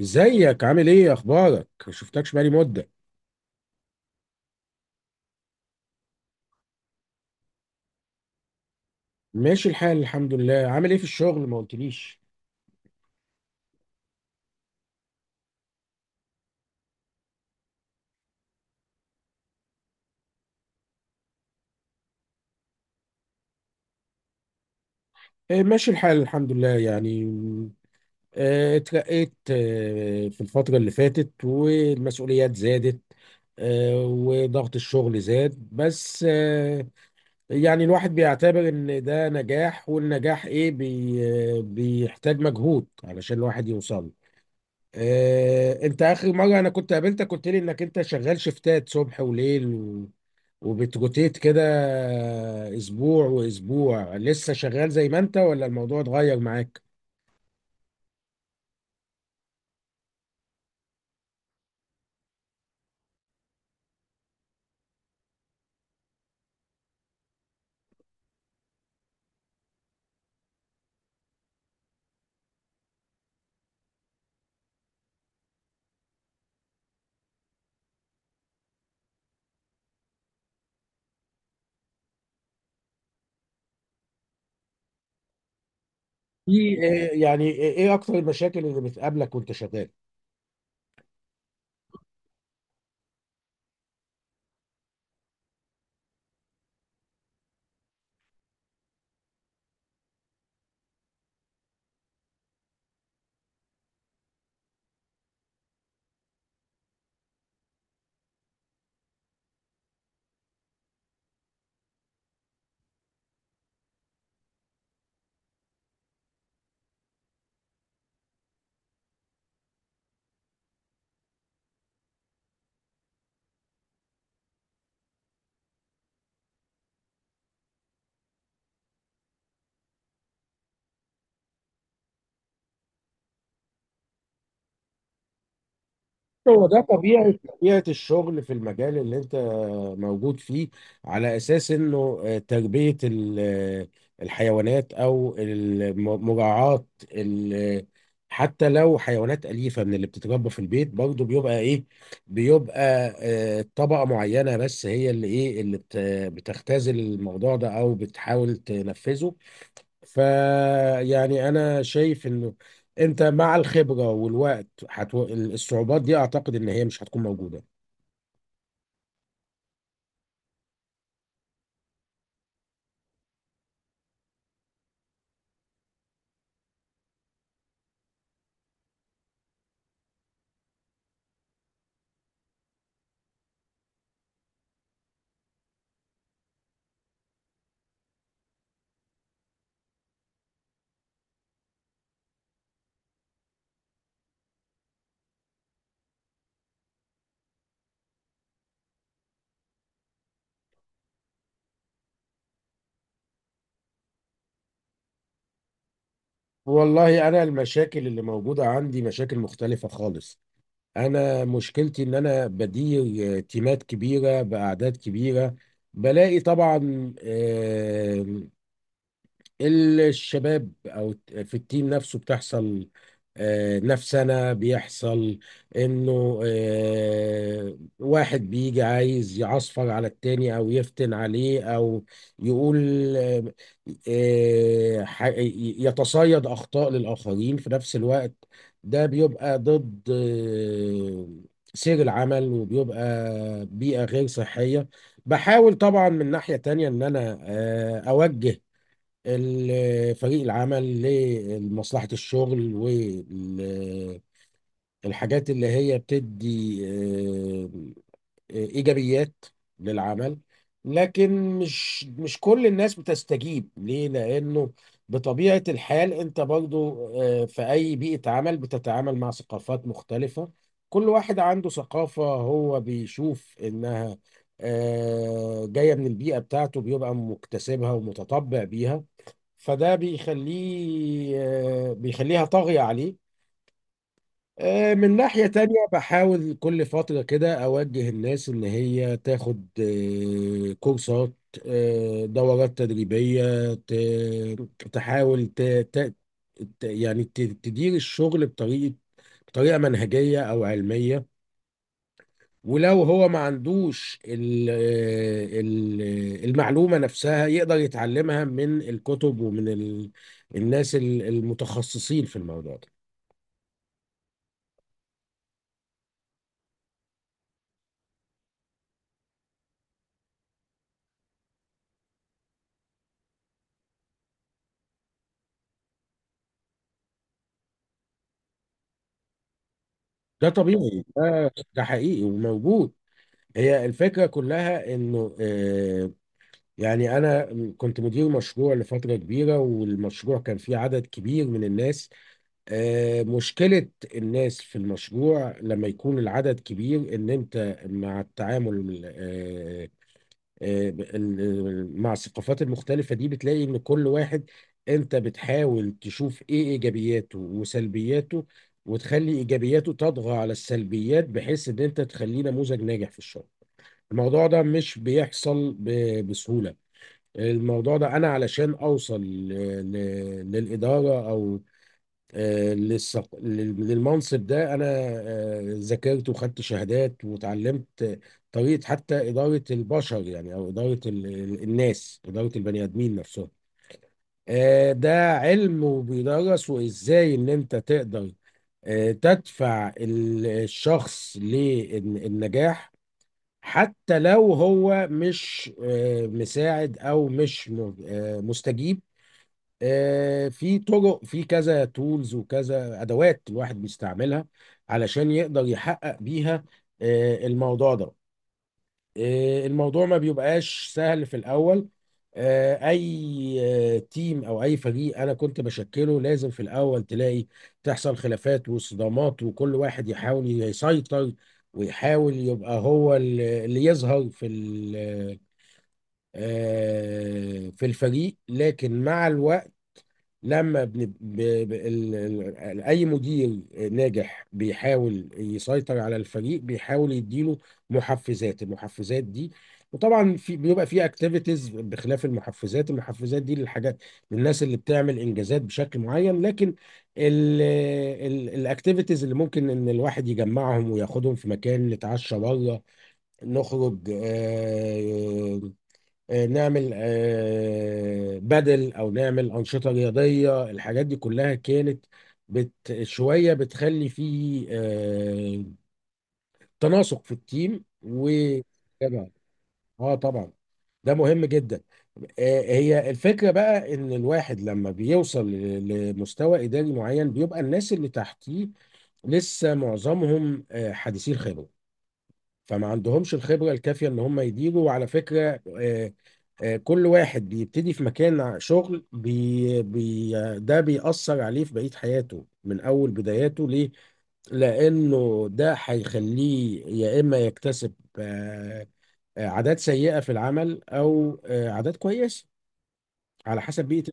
ازيك؟ عامل ايه؟ اخبارك؟ شفتكش بقالي مده. ماشي الحال، الحمد لله. عامل ايه في الشغل؟ ما قلتليش. إيه، ماشي الحال، الحمد لله. يعني م، آه، اترقيت في الفتره اللي فاتت، والمسؤوليات زادت. وضغط الشغل زاد، بس يعني الواحد بيعتبر ان ده نجاح، والنجاح ايه بي بيحتاج مجهود علشان الواحد يوصل له. انت اخر مره انا كنت قابلتك قلت لي انك انت شغال شفتات صبح وليل، وبتروتيت كده، اسبوع واسبوع، لسه شغال زي ما انت ولا الموضوع اتغير معاك؟ يعني ايه اكتر المشاكل اللي بتقابلك وانت شغال؟ هو ده طبيعة الشغل في المجال اللي انت موجود فيه، على اساس انه تربية الحيوانات او مراعاة ال- حتى لو حيوانات أليفة من اللي بتتربى في البيت، برضه بيبقى ايه، بيبقى طبقة معينة، بس هي اللي بتختزل الموضوع ده او بتحاول تنفذه. فيعني انا شايف انه انت مع الخبره والوقت الصعوبات دي اعتقد ان هي مش هتكون موجوده. والله، انا المشاكل اللي موجوده عندي مشاكل مختلفه خالص. انا مشكلتي ان انا بدير تيمات كبيره باعداد كبيره. بلاقي طبعا الشباب، او في التيم نفسه بتحصل نفسنا بيحصل انه واحد بيجي عايز يعصفر على التاني، او يفتن عليه، او يقول آه، يتصيد اخطاء للاخرين في نفس الوقت. ده بيبقى ضد سير العمل، وبيبقى بيئة غير صحية. بحاول طبعا من ناحية تانية ان انا اوجه فريق العمل لمصلحة الشغل، والحاجات اللي هي بتدي آه، إيجابيات للعمل. لكن مش كل الناس بتستجيب ليه؟ لأنه بطبيعة الحال أنت برضو في أي بيئة عمل بتتعامل مع ثقافات مختلفة. كل واحد عنده ثقافة هو بيشوف إنها جاية من البيئة بتاعته، بيبقى مكتسبها ومتطبع بيها. فده بيخليها طاغية عليه. من ناحية تانية بحاول كل فترة كده أوجه الناس إن هي تاخد كورسات، دورات تدريبية تحاول تدير الشغل بطريقة، بطريقة منهجية أو علمية. ولو هو ما عندوش المعلومة نفسها يقدر يتعلمها من الكتب، ومن الناس المتخصصين في الموضوع ده. ده طبيعي، ده حقيقي وموجود. هي الفكرة كلها انه يعني انا كنت مدير مشروع لفترة كبيرة، والمشروع كان فيه عدد كبير من الناس. مشكلة الناس في المشروع لما يكون العدد كبير ان انت مع التعامل مع الثقافات المختلفة دي بتلاقي ان كل واحد، انت بتحاول تشوف ايه ايجابياته وسلبياته، وتخلي ايجابياته تطغى على السلبيات، بحيث ان انت تخليه نموذج ناجح في الشغل. الموضوع ده مش بيحصل بسهولة. الموضوع ده انا علشان اوصل للإدارة او للمنصب ده، انا ذاكرت وخدت شهادات وتعلمت طريقه حتى اداره البشر، يعني او اداره الناس، اداره البني ادمين نفسهم. ده علم وبيدرس، وازاي ان انت تقدر تدفع الشخص للنجاح، حتى لو هو مش مساعد، او مش مستجيب. في طرق، في كذا تولز وكذا ادوات الواحد بيستعملها علشان يقدر يحقق بيها الموضوع ده. الموضوع ما بيبقاش سهل في الاول. اي تيم او اي فريق انا كنت بشكله، لازم في الاول تلاقي تحصل خلافات وصدامات، وكل واحد يحاول يسيطر ويحاول يبقى هو اللي يظهر في في الفريق. لكن مع الوقت، لما بن... ب... ب... ال... ال... اي مدير ناجح بيحاول يسيطر على الفريق، بيحاول يديله محفزات. المحفزات دي، وطبعا بيبقى في اكتيفيتيز بخلاف المحفزات دي للحاجات، للناس اللي بتعمل انجازات بشكل معين. لكن الاكتيفيتيز اللي ممكن ان الواحد يجمعهم وياخدهم في مكان، نتعشى بره، نخرج، نعمل بدل، او نعمل انشطه رياضيه. الحاجات دي كلها كانت بت شويه بتخلي فيه تناسق في التيم و جدع. اه، طبعا ده مهم جدا. هي الفكره بقى ان الواحد لما بيوصل لمستوى اداري معين، بيبقى الناس اللي تحتيه لسه معظمهم حديثي الخبره، فما عندهمش الخبرة الكافية ان هم يديروا. وعلى فكرة، كل واحد بيبتدي في مكان شغل بي بي ده بيأثر عليه في بقية حياته من أول بداياته. ليه؟ لأنه ده هيخليه يا إما يكتسب آه، عادات سيئة في العمل، أو عادات كويسة، على حسب بيئة.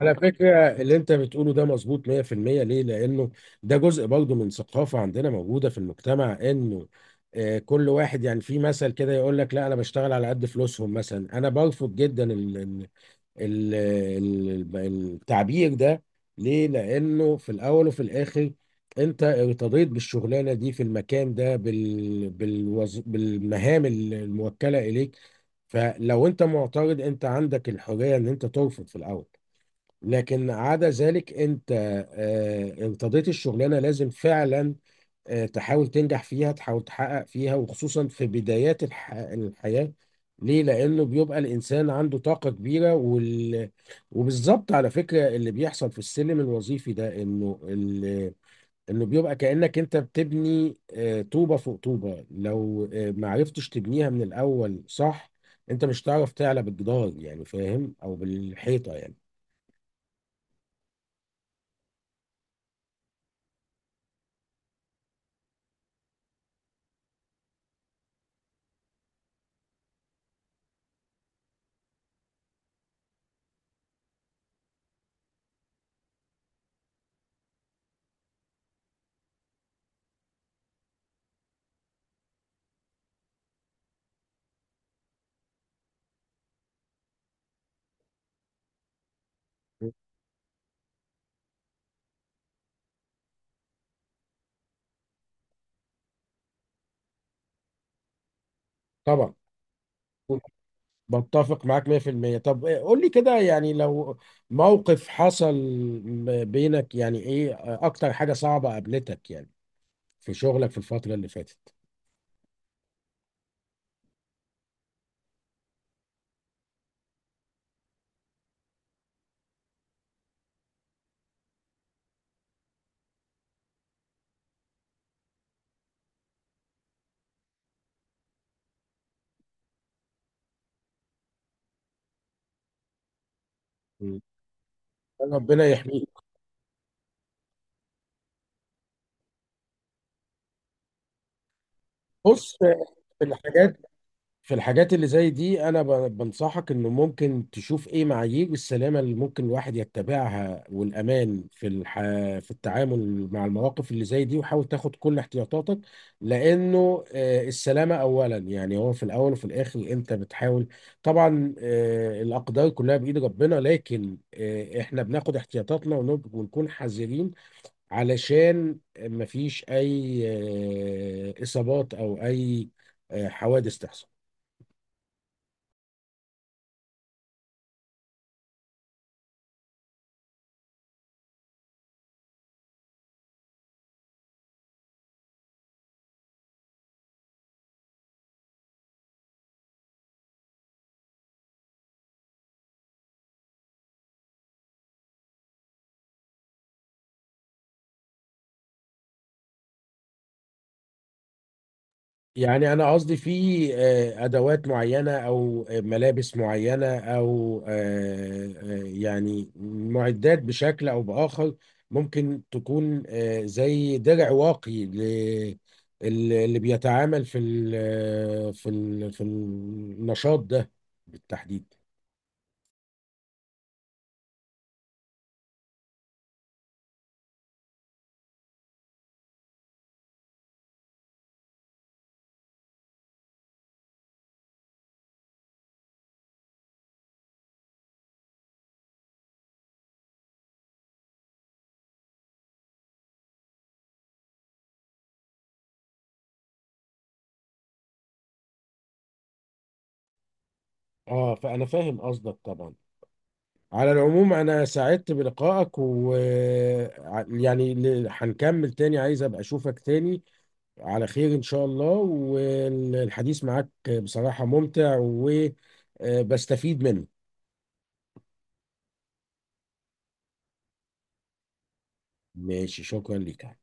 على فكرة، اللي انت بتقوله ده مظبوط 100%. ليه؟ لانه ده جزء برضه من ثقافة عندنا موجودة في المجتمع، انه كل واحد يعني في مثل كده يقول لك: لا، انا بشتغل على قد فلوسهم. مثلا انا برفض جدا ال ال ال ال التعبير ده. ليه؟ لانه في الاول وفي الاخر، انت ارتضيت بالشغلانة دي في المكان ده، بالوز، بالمهام الموكلة اليك. فلو انت معترض، انت عندك الحرية ان انت ترفض في الاول. لكن عدا ذلك، انت ارتضيت الشغلانه، لازم فعلا تحاول تنجح فيها، تحاول تحقق فيها، وخصوصا في بدايات الحياه. ليه؟ لانه بيبقى الانسان عنده طاقه كبيره، وبالظبط على فكره، اللي بيحصل في السلم الوظيفي ده انه انه بيبقى كانك انت بتبني طوبه فوق طوبه. لو ما عرفتش تبنيها من الاول صح، انت مش هتعرف تعلى بالجدار، يعني فاهم؟ او بالحيطه، يعني. طبعا، بتفق معاك 100%. طب إيه، قول لي كده، يعني لو موقف حصل بينك، يعني ايه اكتر حاجة صعبة قابلتك يعني في شغلك في الفترة اللي فاتت؟ مم. ربنا يحميك. بص، في الحاجات في الحاجات اللي زي دي، انا بنصحك انه ممكن تشوف ايه معايير السلامه اللي ممكن الواحد يتبعها والامان في في التعامل مع المواقف اللي زي دي، وحاول تاخد كل احتياطاتك. لانه السلامه اولا. يعني هو في الاول وفي الاخر انت بتحاول، طبعا الاقدار كلها بايد ربنا، لكن احنا بناخد احتياطاتنا ونكون حذرين، علشان مفيش اي اصابات او اي حوادث تحصل. يعني انا قصدي في ادوات معينه، او ملابس معينه، او يعني معدات بشكل او باخر، ممكن تكون زي درع واقي اللي بيتعامل في ال آه، في ال في النشاط ده بالتحديد. اه، فانا فاهم قصدك طبعا. على العموم، انا سعدت بلقائك، ويعني هنكمل تاني، عايز ابقى اشوفك تاني على خير إن شاء الله. والحديث معاك بصراحة ممتع وبستفيد منه. ماشي، شكرا ليك.